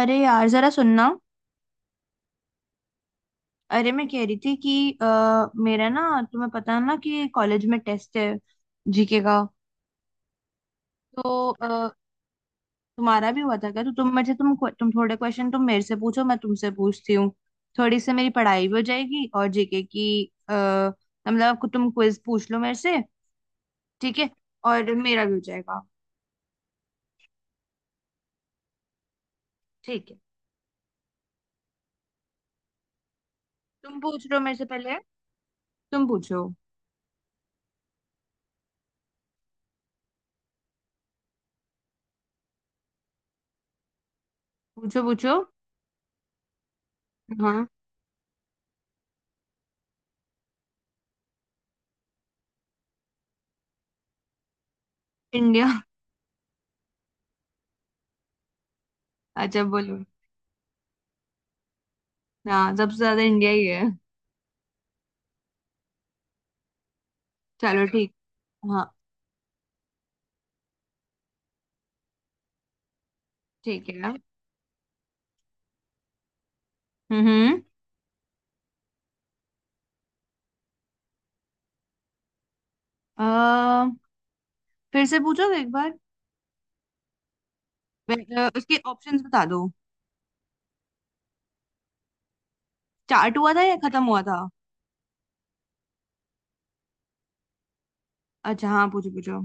अरे यार, जरा सुनना। अरे, मैं कह रही थी कि मेरा ना। तुम्हें पता है ना कि कॉलेज में टेस्ट है जीके का। तो तुम्हारा भी हुआ था क्या? तो तुम मुझे तुम थोड़े क्वेश्चन तुम मेरे से पूछो, मैं तुमसे पूछती हूँ। थोड़ी सी मेरी पढ़ाई भी हो जाएगी और जीके की। आ, मतलब तुम क्विज पूछ लो मेरे से। ठीक है। और मेरा भी हो जाएगा। ठीक है। तुम पूछ लो मेरे से पहले। तुम पूछो। पूछो, पूछो। हाँ। इंडिया। अच्छा बोलो। हाँ, सबसे ज्यादा इंडिया ही है। चलो ठीक। हाँ। ठीक है। हम्म। अ, फिर से पूछो एक बार। उसके ऑप्शंस बता दो। स्टार्ट हुआ था या खत्म हुआ था? अच्छा हाँ, पूछो पूछो।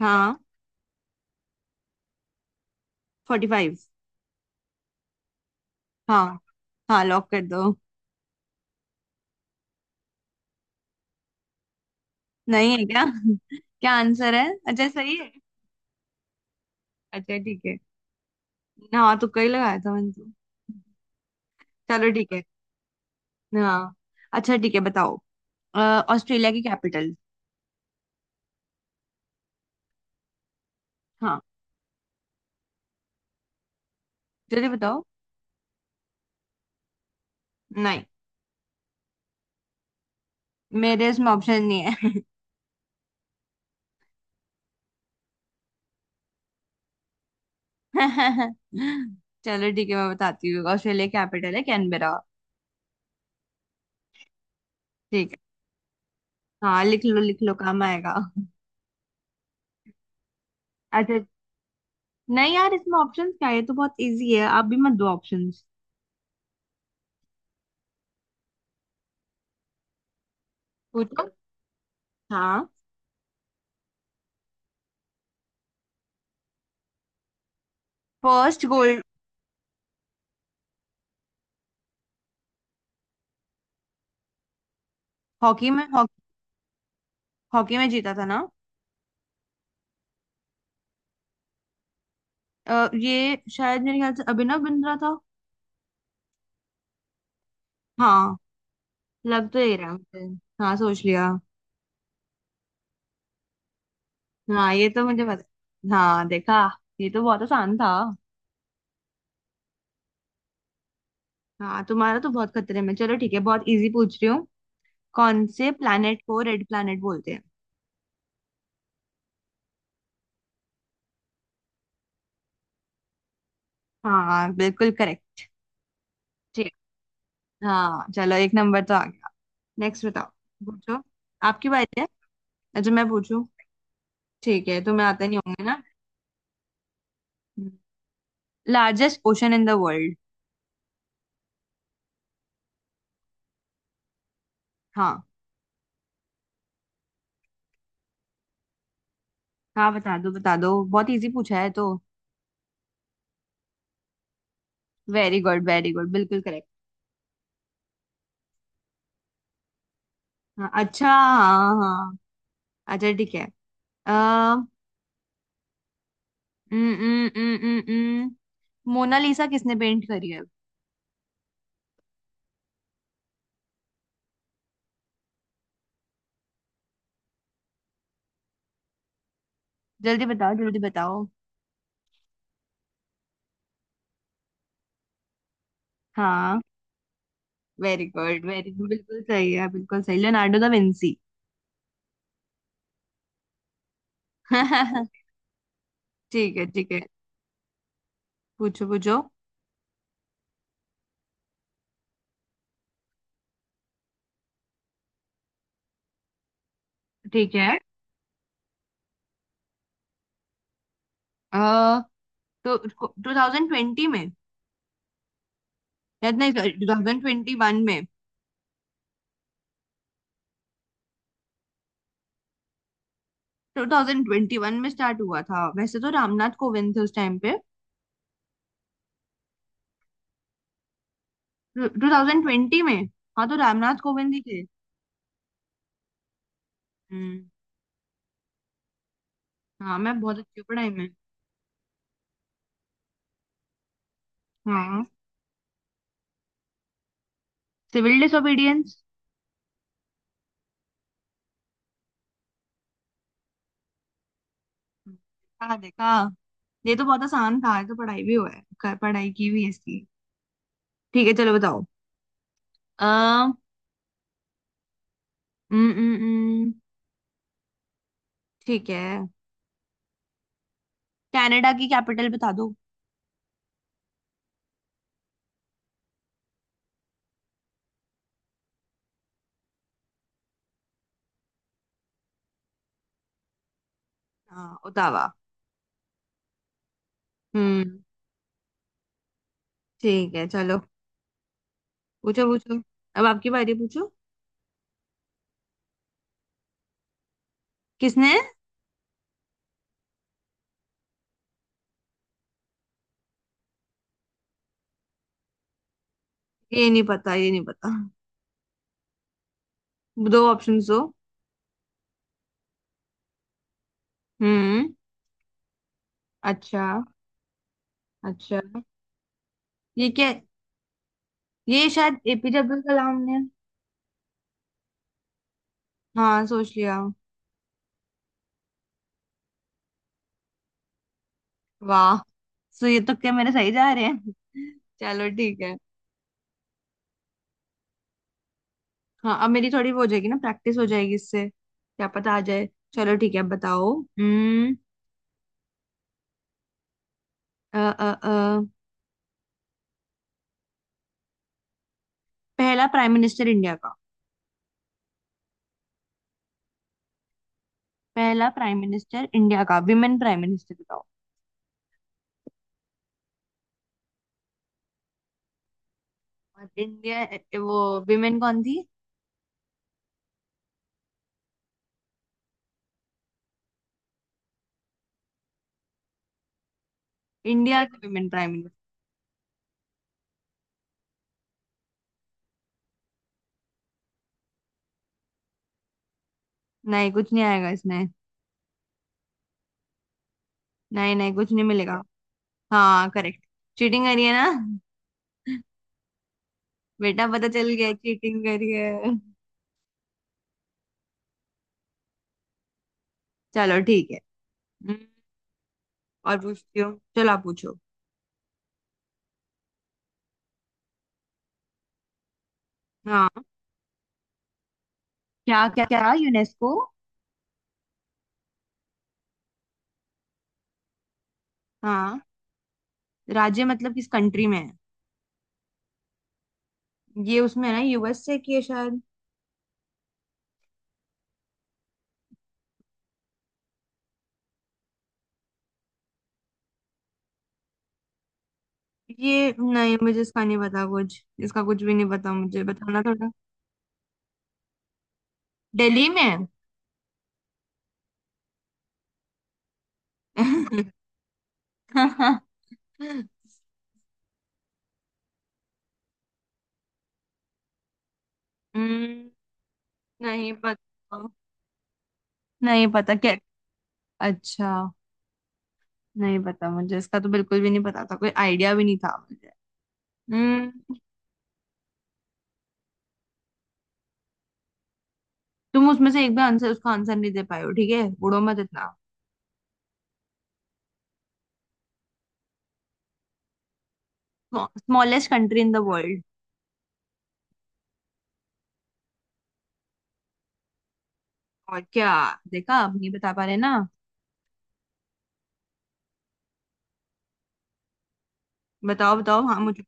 हाँ। Forty five. हाँ। हाँ, लॉक कर दो। नहीं है क्या? क्या आंसर है? अच्छा सही है। अच्छा ठीक है। हाँ, तुक्का ही लगाया था मैंने तो। चलो ठीक है। हाँ। अच्छा ठीक है, बताओ। अ, ऑस्ट्रेलिया की कैपिटल? हाँ। जल्दी बताओ। नहीं। मेरे इसमें ऑप्शन नहीं। चलो ठीक है, मैं बताती हूँ। ऑस्ट्रेलिया कैपिटल है कैनबेरा। ठीक है। हाँ, लिख लो लिख लो, काम आएगा। अच्छा। नहीं यार, इसमें ऑप्शंस क्या है, ये तो बहुत इजी है। आप भी मत दो ऑप्शंस। पूछो। हाँ। First gold. हॉकी में, हॉकी। हॉकी में जीता था ना। ये शायद मेरे ख्याल से अभिनव बिंद्रा था। हाँ, लग तो यही रहा है मुझे। हाँ, सोच लिया। हाँ, ये तो मुझे पता। हाँ देखा, ये तो बहुत आसान था। हाँ, तुम्हारा तो बहुत खतरे में। चलो ठीक है, बहुत इजी पूछ रही हूँ। कौन से प्लैनेट को रेड प्लैनेट बोलते हैं? हाँ, बिल्कुल करेक्ट। ठीक। हाँ, चलो एक नंबर तो आ गया। नेक्स्ट बताओ। पूछो। आपकी बारी है। अच्छा, मैं पूछूं? ठीक है, तुम्हें आते नहीं होंगे ना। Largest ocean in the world. हाँ। हाँ, बता दो बता दो, बहुत इजी पूछा है तो। वेरी गुड वेरी गुड, बिल्कुल करेक्ट। हाँ अच्छा, हाँ हाँ। अच्छा ठीक है। आ, न, न, न, न, मोनालिसा किसने पेंट करी है? जल्दी बताओ, जल्दी बताओ। हाँ। वेरी गुड वेरी गुड, बिल्कुल सही है, बिल्कुल सही। Leonardo da Vinci. ठीक है ठीक है। पूछो पूछो। ठीक है। अह तो 2020 में, या नहीं 2021 में? 2021 में स्टार्ट हुआ था वैसे तो, रामनाथ कोविंद थे उस टाइम पे। 2020 में, हाँ तो रामनाथ कोविंद ही थे। हम्म। हाँ, मैं बहुत अच्छी हूँ पढ़ाई में। हाँ, सिविल डिsobedience। हाँ देखा, ये तो बहुत आसान था, ये तो पढ़ाई भी हुआ है पढ़ाई की भी है इसकी। ठीक है, चलो बताओ। हम्म। हम्म। ठीक है। कनाडा की कैपिटल बता दो। हाँ, ओटावा। हम्म। ठीक है, चलो। पूछो पूछो। अब आपकी बारी, पूछो। किसने? ये नहीं पता, ये नहीं पता। दो ऑप्शन दो। हम्म। अच्छा। अच्छा। ये क्या? ये शायद एपीजे अब्दुल कलाम ने। हाँ, सोच लिया। वाह। सो ये तो क्या मेरे सही जा रहे हैं। चलो ठीक है। हाँ, अब मेरी थोड़ी वो हो जाएगी ना, प्रैक्टिस हो जाएगी इससे, क्या पता आ जाए। चलो ठीक है, अब बताओ। हम्म। अ, अ, अ, पहला प्राइम मिनिस्टर इंडिया का। पहला प्राइम मिनिस्टर इंडिया का विमेन प्राइम मिनिस्टर बताओ। और इंडिया वो विमेन कौन थी? इंडिया की विमेन प्राइम मिनिस्टर। नहीं कुछ नहीं आएगा इसमें। नहीं नहीं, कुछ नहीं मिलेगा। हाँ, करेक्ट। चीटिंग करी है ना? बेटा, पता चल गया चीटिंग करी है। चलो ठीक है। हम्म। और पूछती हूँ, चलो आप पूछो। हाँ। क्या क्या क्या, यूनेस्को। हाँ, राज्य मतलब किस कंट्री में है? ये उसमें है ना, यूएसए की है शायद। ये नहीं, मुझे इसका नहीं पता, कुछ इसका कुछ भी नहीं पता मुझे, बताना थोड़ा। दिल्ली में। हम्म। नहीं पता। नहीं पता क्या। अच्छा। नहीं पता मुझे इसका, तो बिल्कुल भी नहीं पता था, कोई आइडिया भी नहीं था मुझे। हम्म। तुम उसमें से एक भी आंसर, उसका आंसर नहीं दे पाए हो ठीक है, बुड़ो मत इतना। Smallest country in the world. और क्या। देखा, आप नहीं बता पा रहे ना। बताओ बताओ, हाँ मुझे।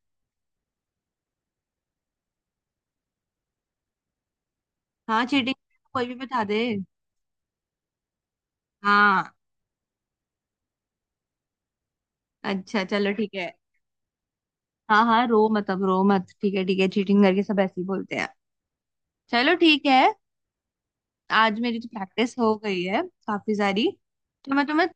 हाँ, चीटिंग। कोई भी बता दे। हाँ, अच्छा चलो ठीक है। हाँ हाँ, रो मत, अब रो मत, ठीक है ठीक है, चीटिंग करके सब ऐसे ही बोलते हैं। चलो ठीक है। आज मेरी तो प्रैक्टिस हो गई है काफी सारी, तो मैं तुम्हें।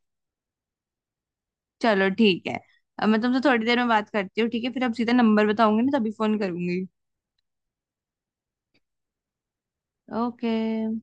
चलो ठीक है। अब मैं तुमसे थोड़ी देर में बात करती हूँ, ठीक है? फिर अब सीधा नंबर बताऊंगी ना तभी फोन करूंगी। ओके।